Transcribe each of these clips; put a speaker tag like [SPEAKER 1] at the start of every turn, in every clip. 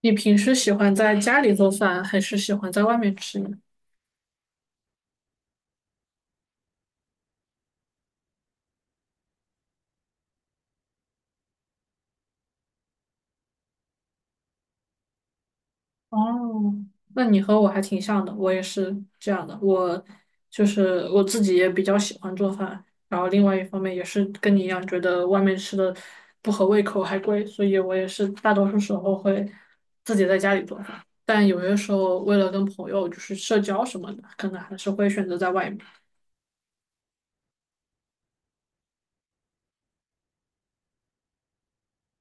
[SPEAKER 1] 你平时喜欢在家里做饭，还是喜欢在外面吃呢？哦，那你和我还挺像的，我也是这样的。我就是我自己也比较喜欢做饭，然后另外一方面也是跟你一样，觉得外面吃的不合胃口还贵，所以我也是大多数时候会自己在家里做饭。但有些时候为了跟朋友就是社交什么的，可能还是会选择在外面。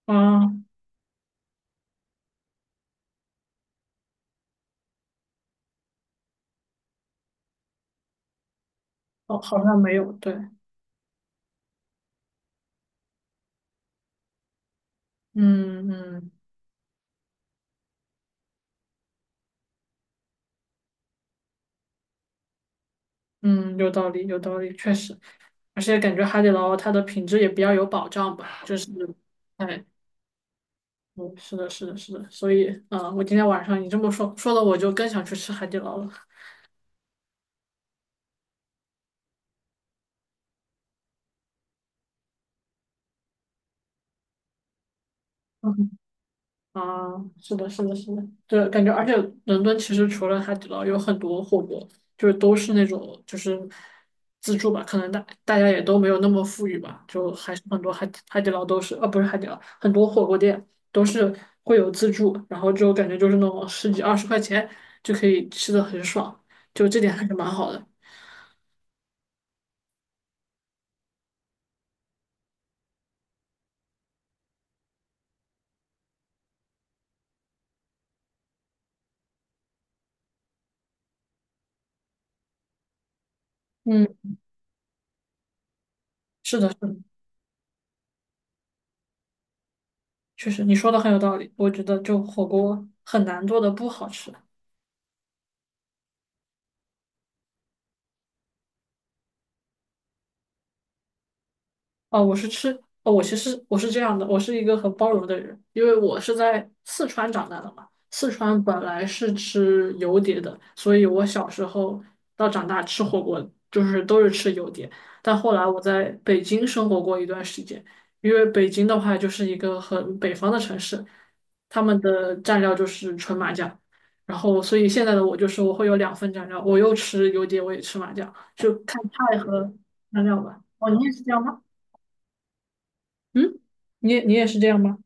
[SPEAKER 1] 啊，哦，好像没有，对，嗯嗯。嗯，有道理，有道理，确实，而且感觉海底捞它的品质也比较有保障吧，就是，哎，嗯，是的，是的，是的，所以，嗯，我今天晚上你这么说，说的我就更想去吃海底捞了。啊，是的，是的，是的，对，感觉，而且伦敦其实除了海底捞，有很多火锅，就是都是那种就是自助吧，可能大家也都没有那么富裕吧，就还是很多海底捞都是，不是海底捞，很多火锅店都是会有自助，然后就感觉就是那种十几二十块钱就可以吃的很爽，就这点还是蛮好的。嗯，是的，是的，确实你说的很有道理，我觉得就火锅很难做的不好吃。哦，我是吃，哦，我其实我是这样的，我是一个很包容的人，因为我是在四川长大的嘛。四川本来是吃油碟的，所以我小时候到长大吃火锅就是都是吃油碟。但后来我在北京生活过一段时间，因为北京的话就是一个很北方的城市，他们的蘸料就是纯麻酱，然后所以现在的我就是我会有两份蘸料，我又吃油碟，我也吃麻酱，就看菜和蘸料吧。哦，你也是这样吗？嗯，你也是这样吗？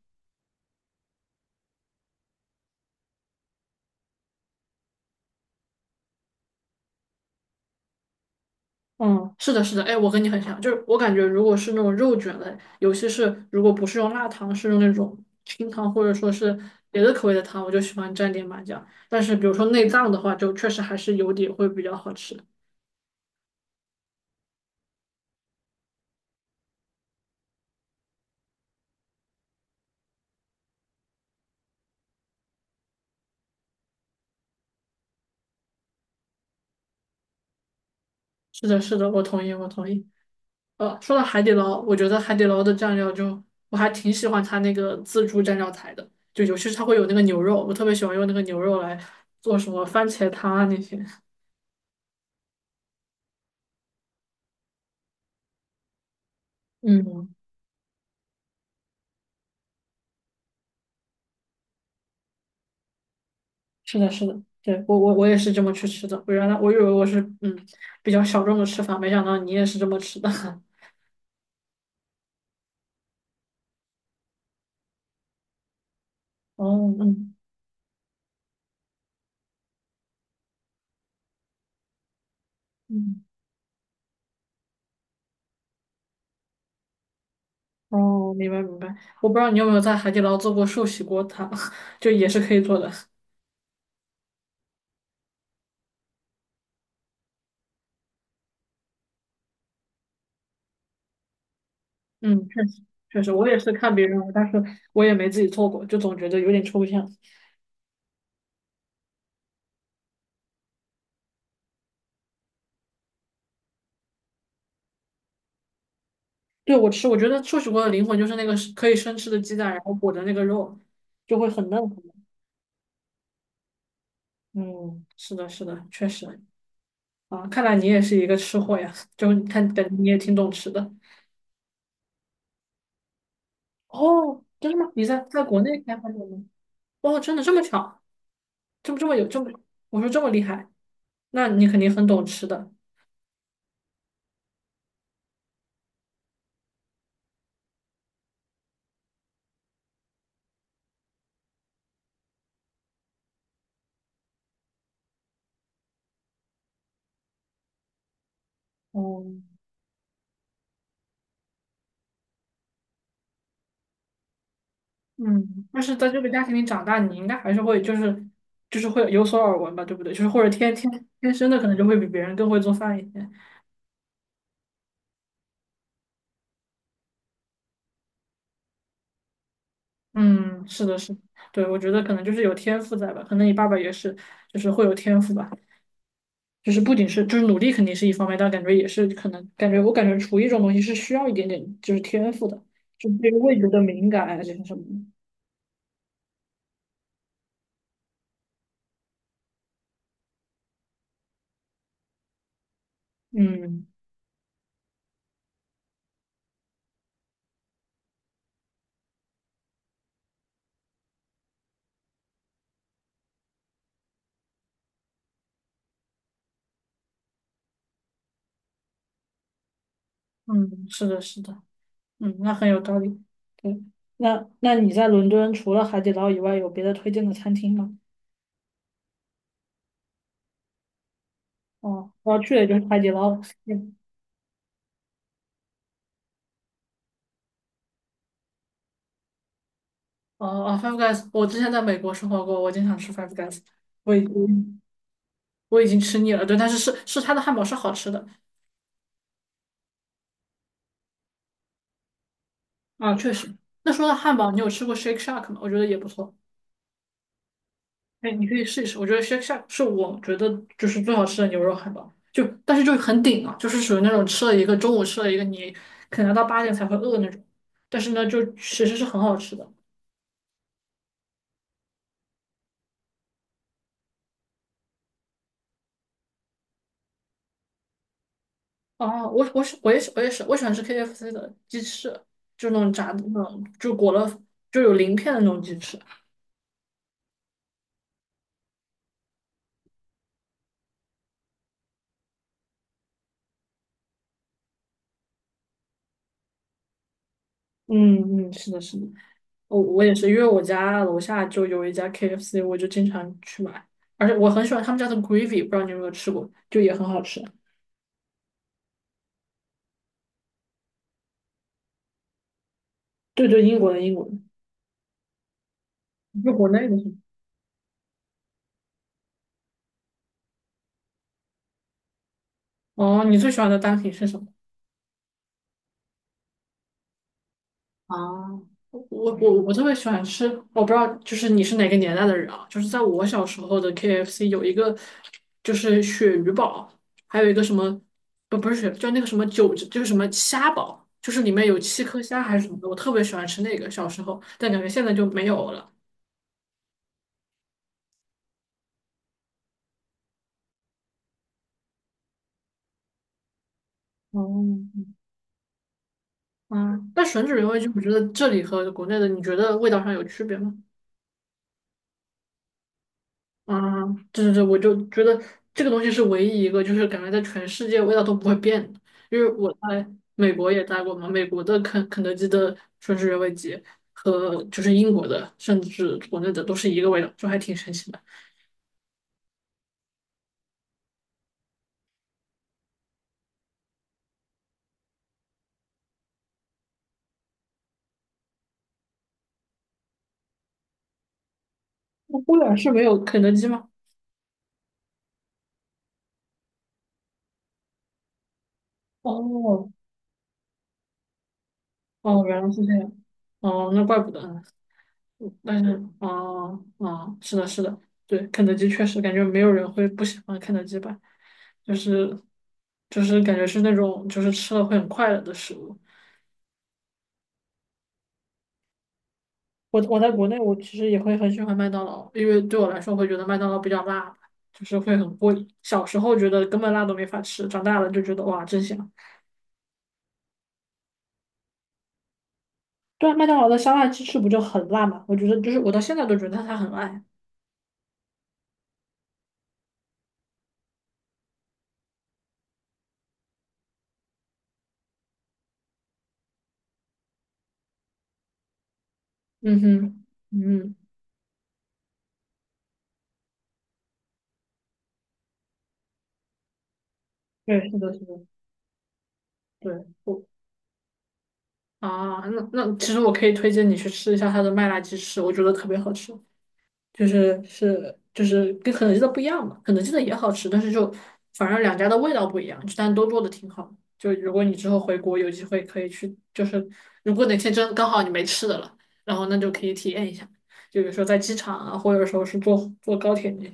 [SPEAKER 1] 嗯，是的，是的，哎，我跟你很像，就是我感觉如果是那种肉卷类，尤其是如果不是用辣汤，是用那种清汤或者说是别的口味的汤，我就喜欢蘸点麻酱。但是比如说内脏的话，就确实还是油底会比较好吃。是的，是的，我同意，我同意。说到海底捞，我觉得海底捞的蘸料就我还挺喜欢它那个自助蘸料台的，就尤其是它会有那个牛肉，我特别喜欢用那个牛肉来做什么番茄汤啊那些。嗯。是的，是的，对，我也是这么去吃的。我原来我以为我是比较小众的吃法，没想到你也是这么吃的。哦，嗯嗯，哦，明白明白。我不知道你有没有在海底捞做过寿喜锅汤，就也是可以做的。嗯，确实确实，我也是看别人，但是我也没自己做过，就总觉得有点抽象。对，我吃，我觉得寿喜锅的灵魂就是那个是可以生吃的鸡蛋，然后裹着那个肉，就会很嫩很嫩。嗯，是的，是的，确实。啊，看来你也是一个吃货呀，就看感觉你也挺懂吃的。哦，真的吗？你在在国内开饭店吗？哦，真的这么巧，这么这么有这么，我说这么厉害，那你肯定很懂吃的。哦，嗯，但是在这个家庭里长大，你应该还是会就是就是会有所耳闻吧，对不对？就是或者天生的可能就会比别人更会做饭一些。嗯，是的，是的，对，我觉得可能就是有天赋在吧，可能你爸爸也是，就是会有天赋吧。就是不仅是就是努力肯定是一方面，但感觉也是可能我感觉厨艺这种东西是需要一点点就是天赋的，就是个味觉的敏感啊这些什么的。嗯嗯，是的，是的，嗯，那很有道理。对，那你在伦敦除了海底捞以外，有别的推荐的餐厅吗？哦，我要去的就是海底捞了嗯，哦哦，Five Guys，我之前在美国生活过，我经常吃 Five Guys，我已经我已经吃腻了。对，但是是它的汉堡是好吃的。啊，确实。那说到汉堡，你有吃过 Shake Shack 吗？我觉得也不错。哎，你可以试一试。我觉得 Shake Shack 是我觉得就是最好吃的牛肉汉堡，就但是就很顶啊，就是属于那种吃了一个中午吃了一个，你可能要到八点才会饿那种。但是呢，就其实是很好吃的。哦，我我喜我也是我也是，我喜欢吃 KFC 的鸡翅，就那种炸的那种，就裹了就有鳞片的那种鸡翅。嗯嗯，是的，是的。我我也是，因为我家楼下就有一家 KFC，我就经常去买，而且我很喜欢他们家的 gravy，不知道你有没有吃过，就也很好吃。对对，英国的英国的，就国内的是吗？哦，你最喜欢的单品是什么？啊，我我特别喜欢吃，我不知道就是你是哪个年代的人啊？就是在我小时候的 KFC 有一个就是鳕鱼堡，还有一个什么不是鳕，就那个什么九就是什么虾堡，就是里面有七颗虾还是什么的，我特别喜欢吃那个小时候，但感觉现在就没有了。哦，嗯，但吮指原味就我觉得这里和国内的你觉得味道上有区别吗？啊，对对对，我就觉得这个东西是唯一一个，就是感觉在全世界味道都不会变的。因为我在美国也待过嘛，美国的肯德基的吮指原味鸡和就是英国的，甚至国内的都是一个味道，就还挺神奇的。那波兰是没有肯德基吗？哦，哦，原来是这样。哦，那怪不得。但是哦，哦，是的，是的，对，肯德基确实感觉没有人会不喜欢肯德基吧，就是就是感觉是那种就是吃了会很快乐的食物。我在国内我其实也会很喜欢麦当劳，因为对我来说我会觉得麦当劳比较辣，就是会很过瘾。小时候觉得根本辣都没法吃，长大了就觉得哇真香。对啊麦当劳的香辣鸡翅不就很辣嘛？我觉得就是我到现在都觉得它很辣呀。嗯哼，嗯，对，是的，是的，对。我。啊，那其实我可以推荐你去吃一下它的麦辣鸡翅，我觉得特别好吃，就是是就是跟肯德基的不一样嘛，肯德基的也好吃，但是就反正两家的味道不一样，但都做的挺好的。就如果你之后回国有机会可以去，就是如果哪天真刚好你没吃的了，然后那就可以体验一下，就比如说在机场啊，或者说是坐高铁，那些。